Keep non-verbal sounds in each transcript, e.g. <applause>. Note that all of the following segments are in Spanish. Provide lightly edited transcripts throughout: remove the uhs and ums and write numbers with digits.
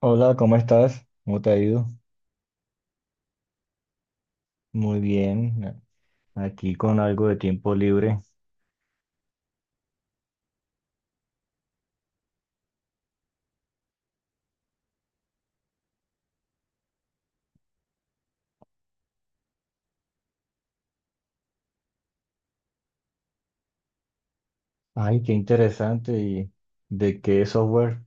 Hola, ¿cómo estás? ¿Cómo te ha ido? Muy bien, aquí con algo de tiempo libre. Ay, qué interesante. ¿Y de qué software?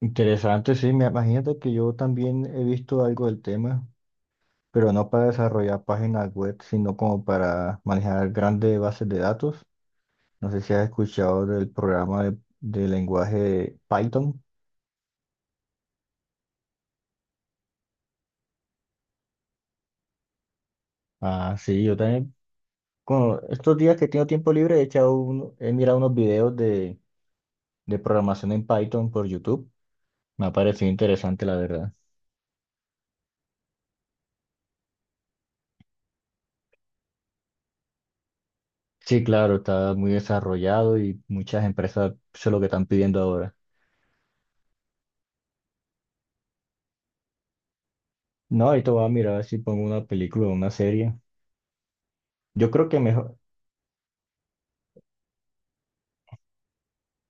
Interesante, sí. Me imagínate que yo también he visto algo del tema, pero no para desarrollar páginas web, sino como para manejar grandes bases de datos. No sé si has escuchado del programa de lenguaje Python. Ah, sí, yo también. Con estos días que tengo tiempo libre, he mirado unos videos de programación en Python por YouTube. Me ha parecido interesante, la verdad. Sí, claro, está muy desarrollado y muchas empresas eso es lo que están pidiendo ahora. No, ahorita voy a mirar si pongo una película o una serie. Yo creo que mejor,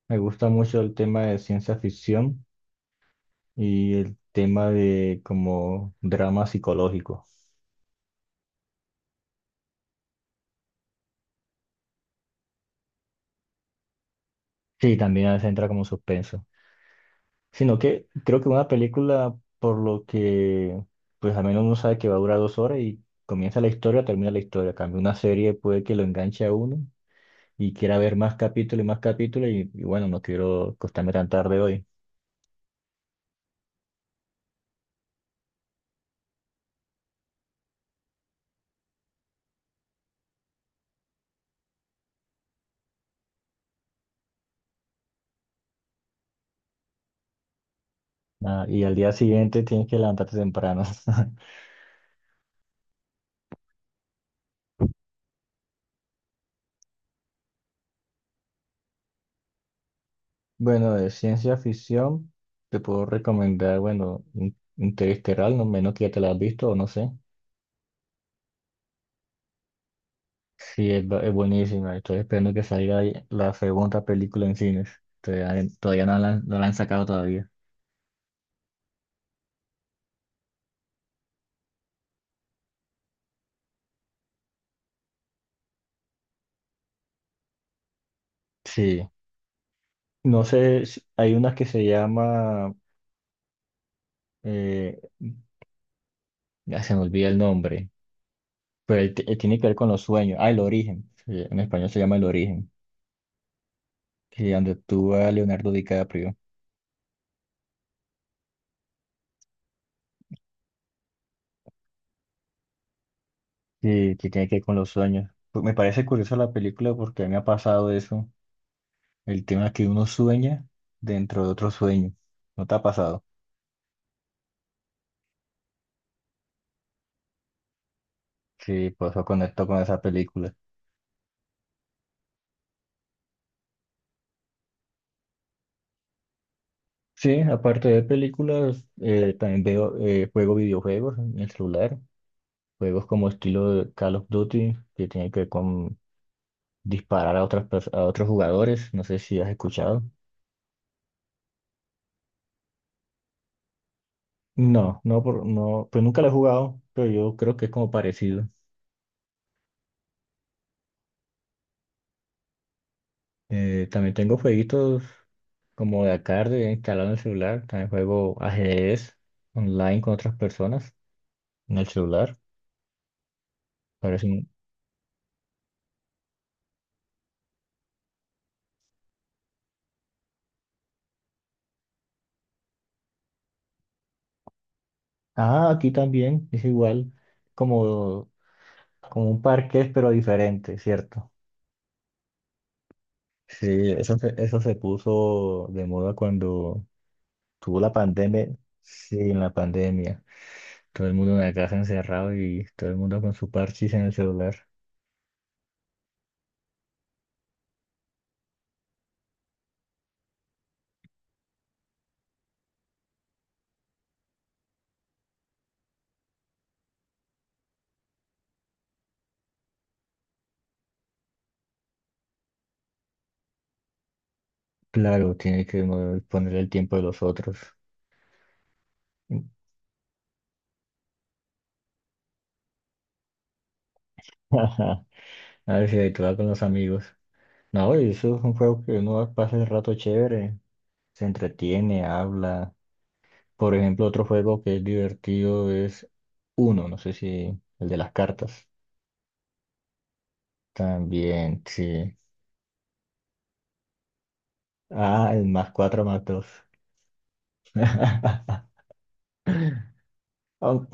me gusta mucho el tema de ciencia ficción y el tema de como drama psicológico. Sí, también a veces entra como suspenso. Sino que creo que una película, por lo que, pues al menos uno sabe que va a durar dos horas y comienza la historia, termina la historia. Cambio una serie puede que lo enganche a uno y quiera ver más capítulos y más capítulos y bueno, no quiero acostarme tan tarde hoy. Ah, y al día siguiente tienes que levantarte temprano. <laughs> Bueno, de ciencia ficción te puedo recomendar, bueno, Interestelar, no menos que ya te la has visto o no sé. Sí, es, es buenísima. Estoy esperando que salga ahí la segunda película en cines. Todavía no la, no la han sacado todavía. Sí. No sé, hay una que se llama, eh, ya se me olvida el nombre. Pero ahí tiene que ver con los sueños. Ah, el origen. Sí, en español se llama El origen. Que donde actúa Leonardo DiCaprio. Sí, que tiene que ver con los sueños. Pues me parece curiosa la película porque a mí me ha pasado eso. El tema que uno sueña dentro de otro sueño. ¿No te ha pasado? Sí, por eso conecto con esa película. Sí, aparte de películas, también veo, juego videojuegos en el celular. Juegos como estilo de Call of Duty, que tiene que ver con disparar a otras, a otros jugadores. No sé si has escuchado. No, no, por, no, pues nunca lo he jugado, pero yo creo que es como parecido. También tengo jueguitos como de arcade instalado en el celular. También juego ajedrez online con otras personas en el celular. Parece un- Ah, aquí también es igual, como, como un parqués, pero diferente, ¿cierto? Sí, eso se puso de moda cuando tuvo la pandemia. Sí, en la pandemia. Todo el mundo en la casa encerrado y todo el mundo con su parchís en el celular. Claro, tiene que poner el tiempo de los otros. <laughs> Ajá, a ver si ahí te va con los amigos. No, y eso es un juego que uno pasa el rato chévere, se entretiene, habla. Por ejemplo, otro juego que es divertido es Uno, no sé si el de las cartas. También, sí. Ah, el más cuatro más dos. <laughs> Aun-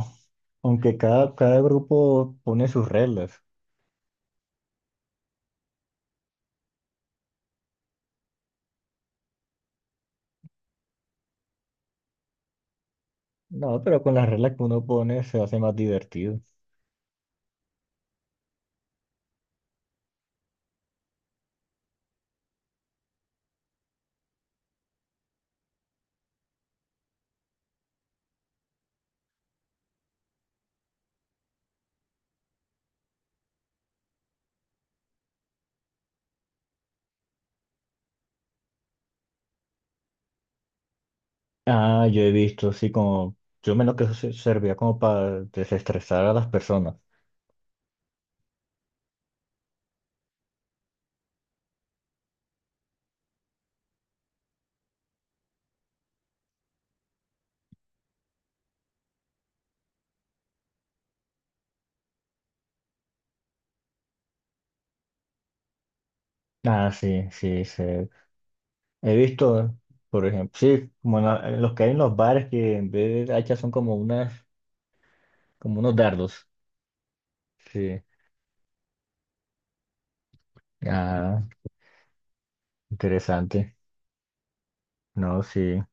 Aunque cada grupo pone sus reglas. No, pero con las reglas que uno pone se hace más divertido. Ah, yo he visto, sí, como, yo menos lo que servía como para desestresar a las personas. Ah, sí, sí, sí. He visto, por ejemplo, sí, como en en los que hay en los bares que en vez de hachas son como unas, como unos dardos. Sí. Ah, interesante. No, sí.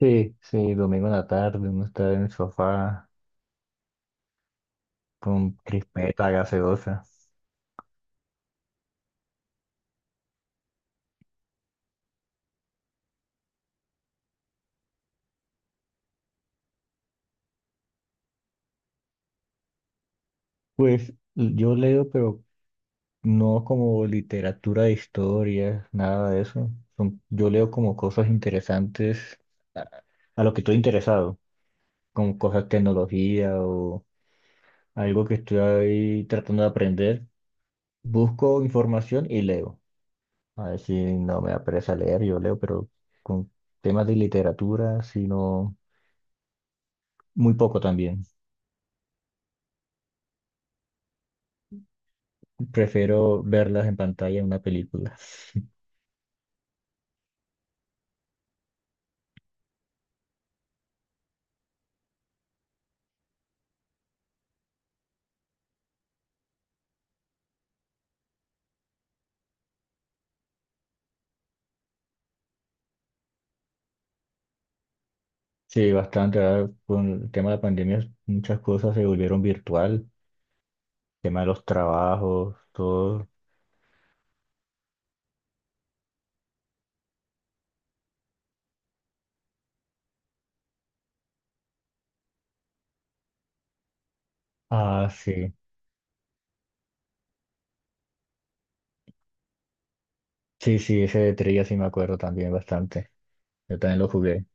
Sí, sí, domingo en la tarde, uno está en el sofá con crispeta, gaseosa. Yo leo, pero no como literatura de historia, nada de eso. Yo leo como cosas interesantes a, a lo que estoy interesado, como cosas de tecnología o algo que estoy ahí tratando de aprender. Busco información y leo. A ver si no me da pereza leer, yo leo, pero con temas de literatura, sino muy poco también. Prefiero verlas en pantalla en una película. <laughs> Sí, bastante. Ahora con el tema de la pandemia, muchas cosas se volvieron virtual tema de los trabajos, todo. Ah, sí. Sí, sí, ese de trilla sí me acuerdo también bastante. Yo también lo jugué.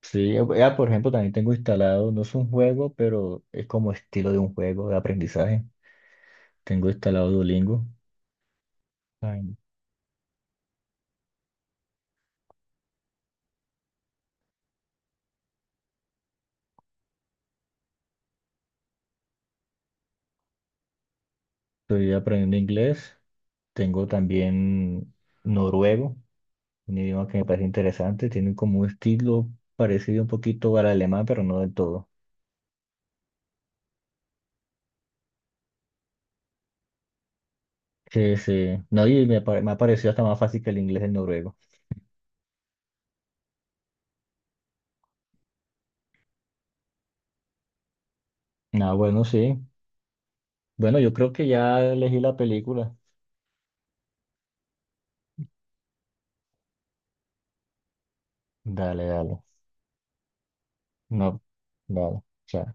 Sí, por ejemplo, también tengo instalado, no es un juego, pero es como estilo de un juego de aprendizaje. Tengo instalado Duolingo. Ay, estoy aprendiendo inglés. Tengo también noruego, un idioma que me parece interesante. Tiene como un estilo parecido un poquito al alemán, pero no del todo. Sí, sí. No, y me, me ha parecido hasta más fácil que el inglés el noruego. Ah, bueno, sí. Bueno, yo creo que ya elegí la película. Dale, dale. No, dale. Chao.